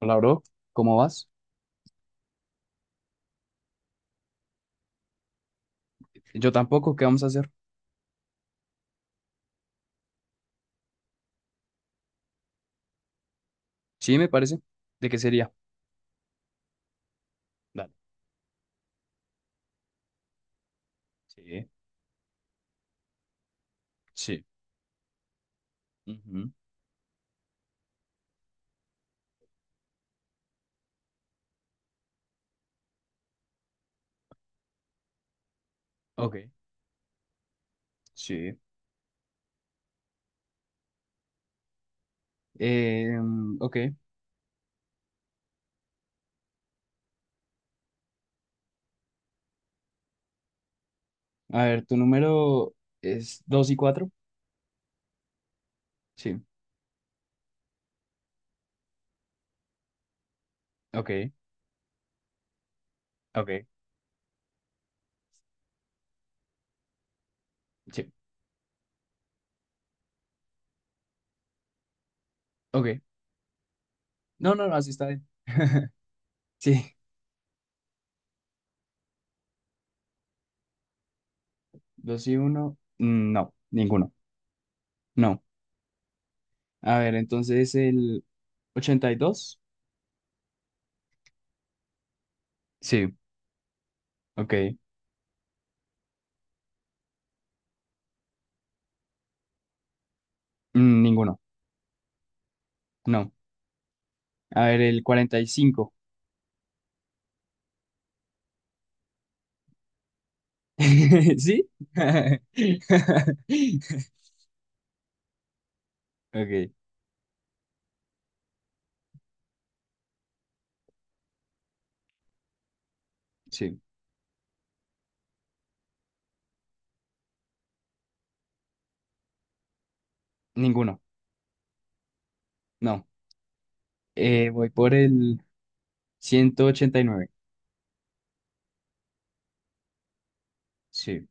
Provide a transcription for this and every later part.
Hola, bro. ¿Cómo vas? Yo tampoco. ¿Qué vamos a hacer? Sí, me parece. ¿De qué sería? Dale. Sí. Sí. Ujú. Ok. Sí. Eh, ok. A ver, ¿tu número es 2 y cuatro? Sí. Ok. Ok. Sí. Ok. No, no, no, así está bien. Sí. 2 y uno. No, ninguno. No. A ver, entonces el 82. Sí. Ok. Ninguno. No. A ver, el 45. ¿Sí? Ok, sí. Ninguno. No. Voy por el 189. Sí.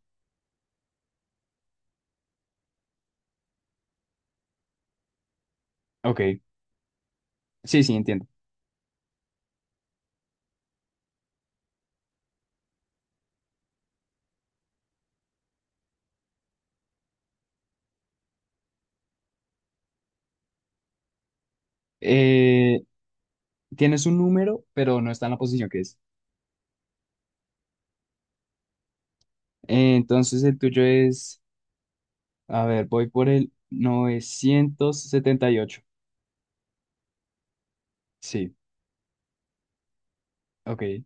Ok. Sí, sí, entiendo. Eh, tienes un número, pero no está en la posición que es. Entonces el tuyo es. A ver, voy por el 978. Sí. Ok.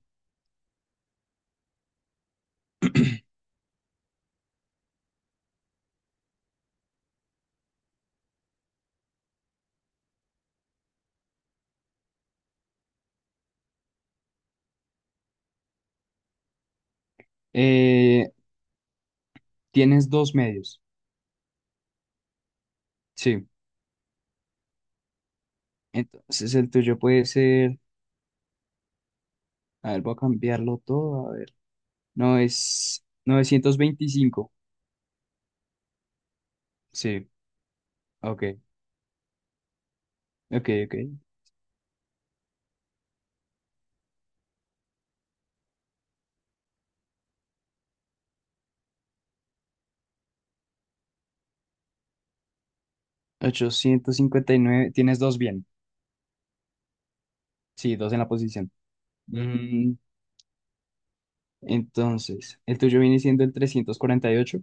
Eh, tienes dos medios. Sí. Entonces el tuyo puede ser. A ver, voy a cambiarlo todo. No, es 925. Sí. Ok, ok, ok. 859. Tienes dos bien. Sí, dos en la posición. Mm, entonces, el tuyo viene siendo el 348.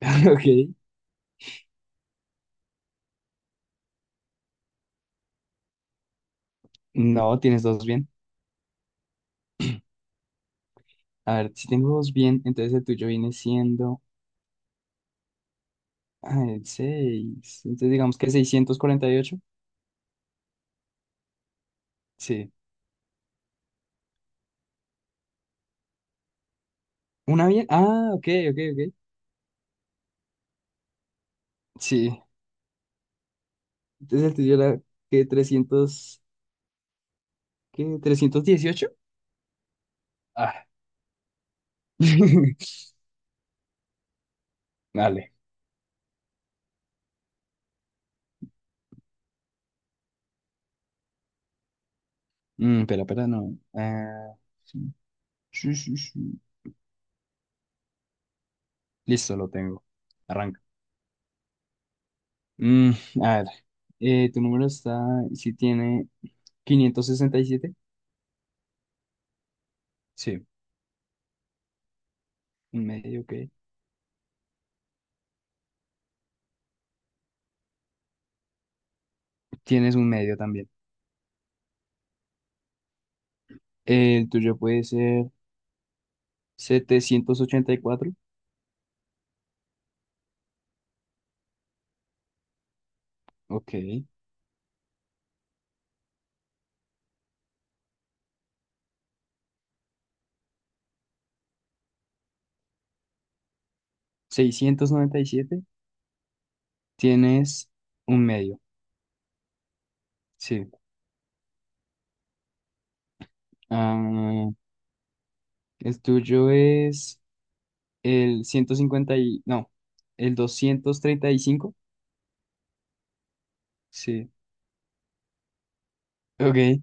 Ok. No, tienes dos bien. A ver, si tengo dos bien, entonces el tuyo viene siendo el seis. Entonces digamos que 648. Sí. Una bien. Ah, ok, ok, ok. Sí. Entonces el tuyo era que trescientos, ¿qué? 318. Ah. Dale. Pero no. Ah, sí, sí, sí, sí. Listo, lo tengo. Arranca. Mm, a ver. Tu número está, si tiene 567. Sí, un medio, ok. Tienes un medio también. El tuyo puede ser 784. Ok. 697. Tienes un medio. Sí. Ah, el tuyo es el 150 y, no, el 235. Sí. Ok.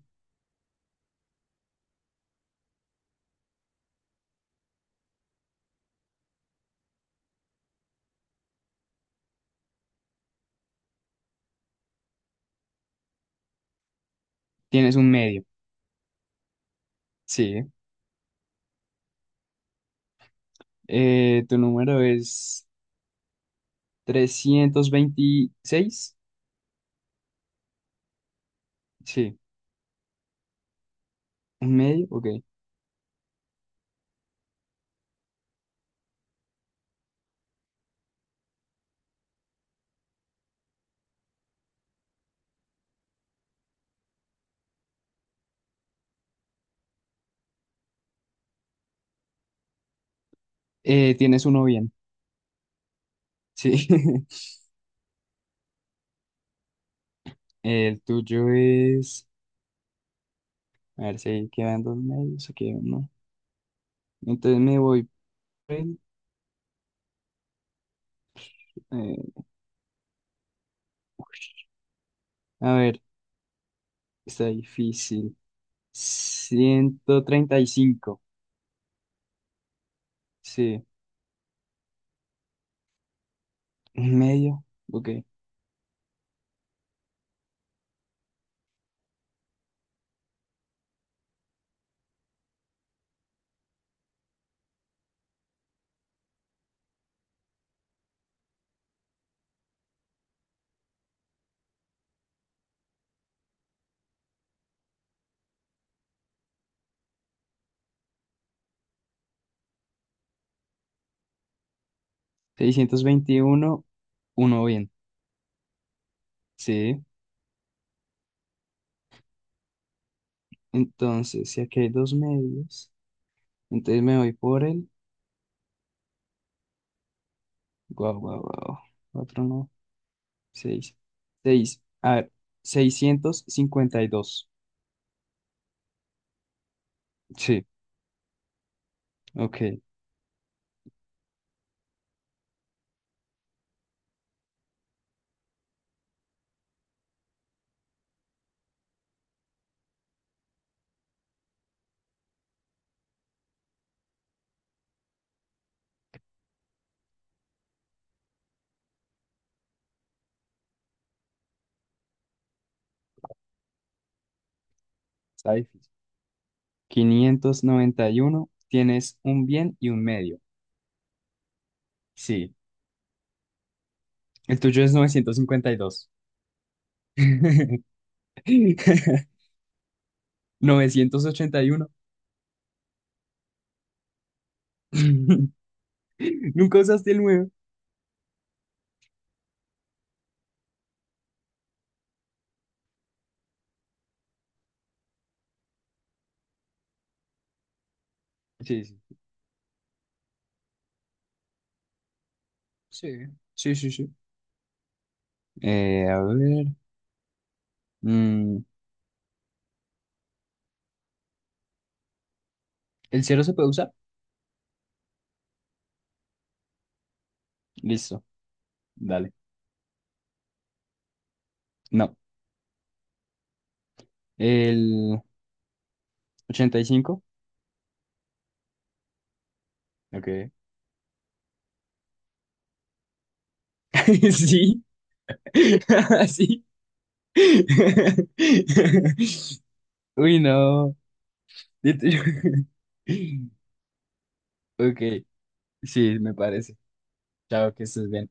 Tienes un medio, sí. Tu número es 326. Sí. Un medio, ok. Tienes uno bien, sí. El tuyo es, a ver si quedan dos medios, aquí hay uno. Entonces me voy por el, eh, a ver, está difícil. 135. Sí. Un medio, ok. 621. Uno bien, sí. Entonces, si aquí hay dos medios. Entonces me voy por el. Guau, guau, guau. Cuatro, no. Seis. Seis. A ver, 652. Sí, ok. Está difícil. 591. Tienes un bien y un medio. Sí. El tuyo es novecientos cincuenta y dos. 981. Nunca usaste el nuevo. Sí, sí. Sí, sí, sí, sí. A ver. mm, ¿El cero se puede usar? Listo. Dale. No. El 85. Ok. Sí. Sí. Uy, no. Ok. Sí, me parece. Chao, que estés bien.